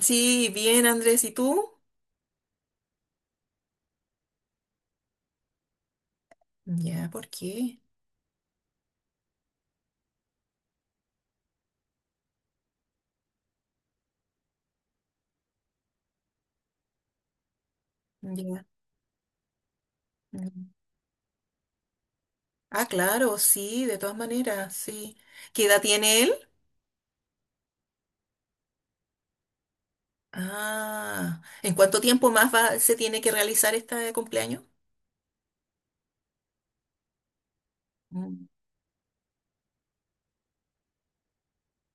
Sí, bien, Andrés, ¿y tú? Ya, ¿por qué? Ya. mm. Ah, claro, sí, de todas maneras, sí. ¿Qué edad tiene él? Ah, ¿en cuánto tiempo más va, se tiene que realizar este cumpleaños? Mm.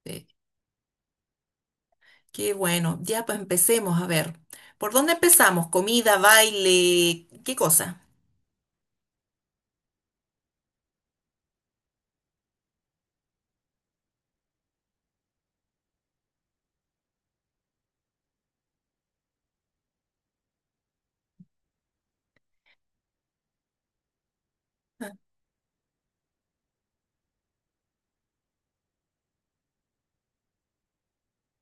Sí. Qué bueno, ya pues empecemos, a ver. ¿Por dónde empezamos? ¿Comida, baile? ¿Qué cosa? Ah,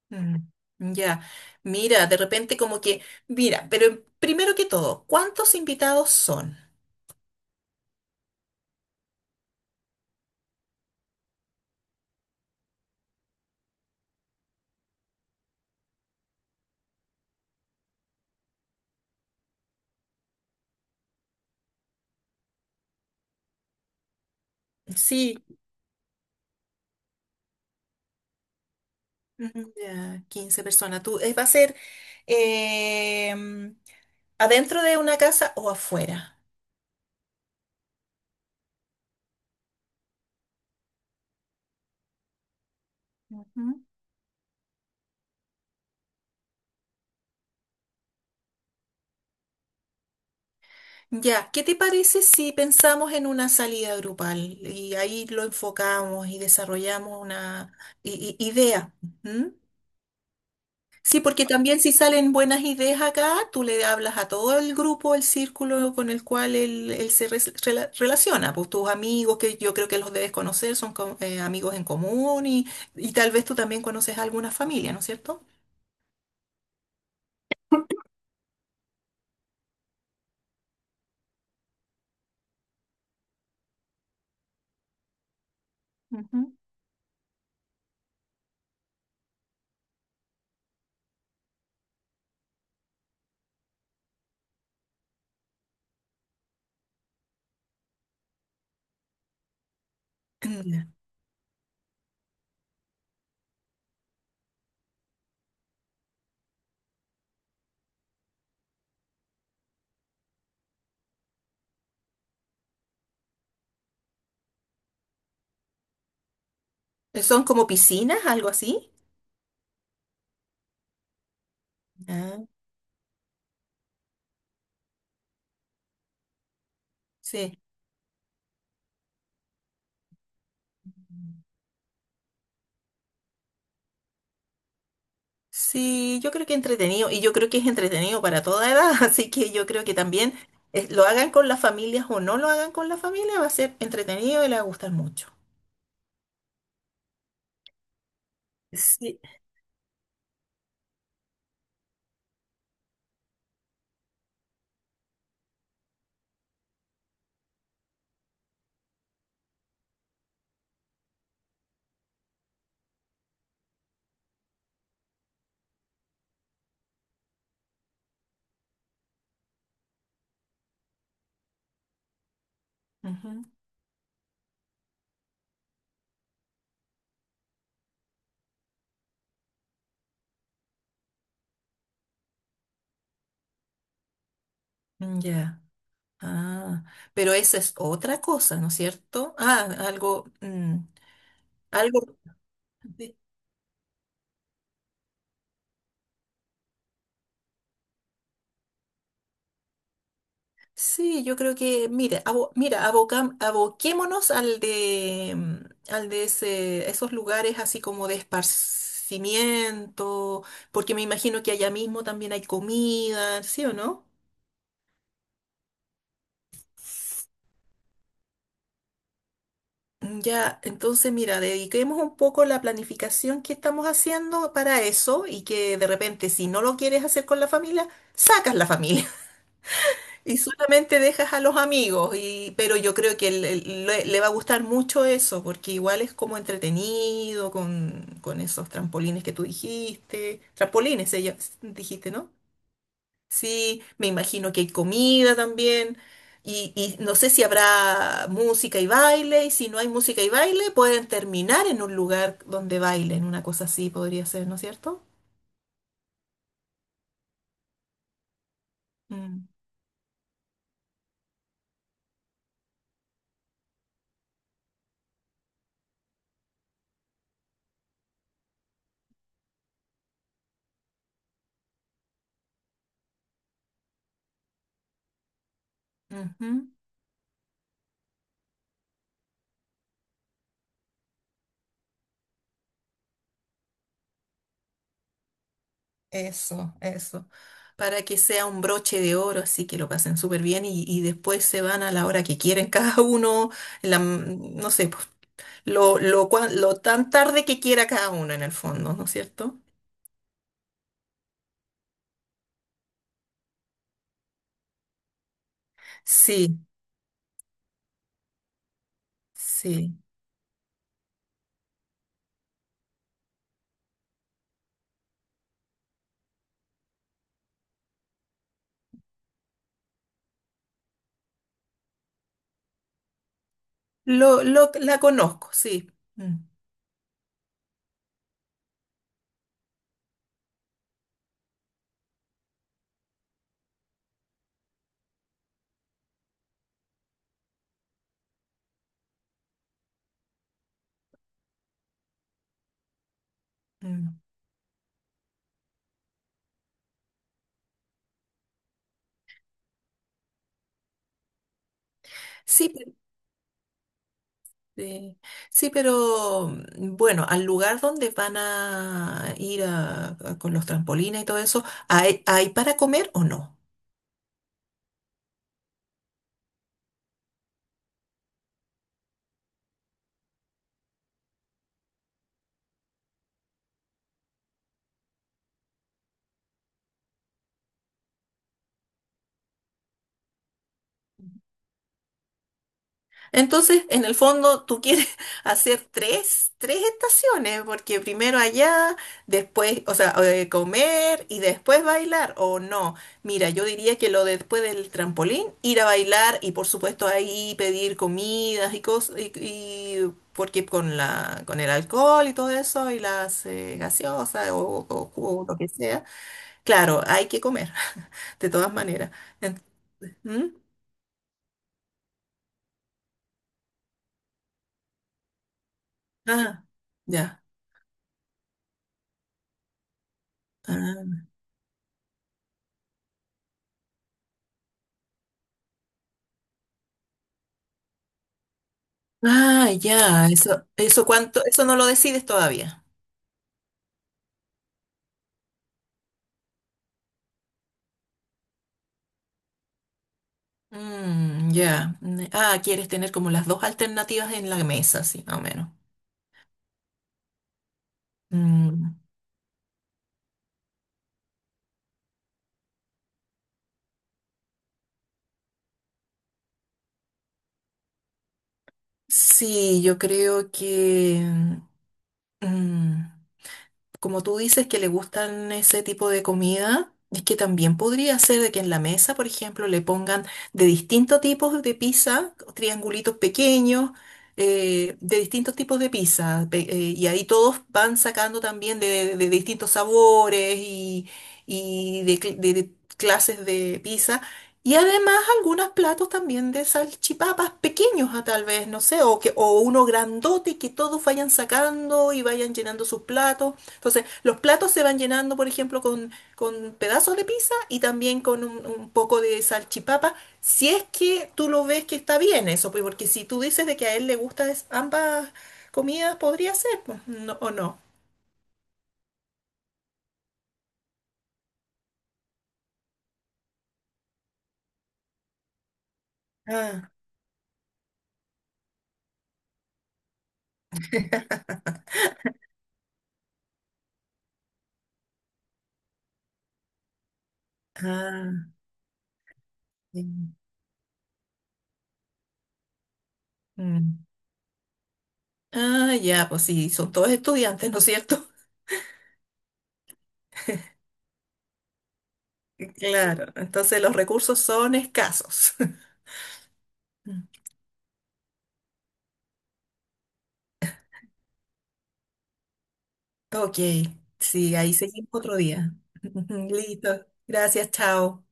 mm, Ya, mira, de repente como que, mira, pero primero que todo, ¿cuántos invitados son? Sí. Ya, 15 personas. Tú, ¿va a ser em, adentro de una casa o afuera? Ujú. Ya, ¿qué te parece si pensamos en una salida grupal y ahí lo enfocamos y desarrollamos una idea? Sí, porque también si salen buenas ideas acá, tú le hablas a todo el grupo, el círculo con el cual él se relaciona, pues tus amigos, que yo creo que los debes conocer, son amigos en común y tal vez tú también conoces a alguna familia, ¿no es cierto? Ujú. Ya. ¿Son como piscinas, algo así? Ah, sí. Sí, yo creo que entretenido, y yo creo que es entretenido para toda edad, así que yo creo que también lo hagan con las familias o no lo hagan con la familia, va a ser entretenido y le va a gustar mucho. Sí. Ujú, Ya. Ah, pero esa es otra cosa, ¿no es cierto? Algo. de- Sí, yo creo que, mira, aboquémonos al al de ese, esos lugares así como de esparcimiento, porque me imagino que allá mismo también hay comida, ¿sí o no? Ya, entonces mira, dediquemos un poco la planificación que estamos haciendo para eso y que de repente si no lo quieres hacer con la familia, sacas la familia y solamente dejas a los amigos. Y, pero yo creo que le va a gustar mucho eso porque igual es como entretenido con esos trampolines que tú dijiste. Trampolines, ella dijiste, ¿no? Sí, me imagino que hay comida también. Y no sé si habrá música y baile. Y si no hay música y baile, pueden terminar en un lugar donde bailen. Una cosa así podría ser, ¿no es cierto? Mm, ujú. Eso, eso. Para que sea un broche de oro, así que lo pasen súper bien y después se van a la hora que quieren cada uno, la, no sé, pues, lo tan tarde que quiera cada uno en el fondo, ¿no es cierto? Sí, sí. La conozco, sí. Mm, mm. Sí, pe- eh, sí, pero bueno, al lugar donde van a ir con los trampolines y todo eso, ¿hay, hay para comer o no? Entonces, en el fondo, tú quieres hacer tres, tres estaciones, porque primero allá, después, o sea, comer y después bailar, o no. Mira, yo diría que lo de después del trampolín, ir a bailar y por supuesto ahí pedir comidas y cosas, porque con la, con el alcohol y todo eso, y las gaseosas o jugo, lo que sea, claro, hay que comer, de todas maneras. Ent- ¿Mm? Ah, ya. Ah. Ah, ya, eso cuánto, eso no lo decides todavía. Mm, ya. Ah, quieres tener como las dos alternativas en la mesa, sí, más o menos. Mm, sí, yo creo que mm, como tú dices que le gustan ese tipo de comida, es que también podría ser de que en la mesa, por ejemplo, le pongan de distintos tipos de pizza, triangulitos pequeños, de distintos tipos de pizza, y ahí todos van sacando también de distintos sabores y, de clases de pizza. Y además, algunos platos también de salchipapas pequeños, a tal vez, no sé, o, que, o uno grandote que todos vayan sacando y vayan llenando sus platos. Entonces, los platos se van llenando, por ejemplo, con pedazos de pizza y también con un poco de salchipapa, si es que tú lo ves que está bien eso, pues, porque si tú dices de que a él le gustan ambas comidas, podría ser, pues, no, o no. Ah, ah, sí. Mm. Ah, ya, pues sí, son todos estudiantes, ¿no es cierto? Claro, entonces los recursos son escasos. Ok, sí, ahí seguimos otro día. Listo, gracias, chao.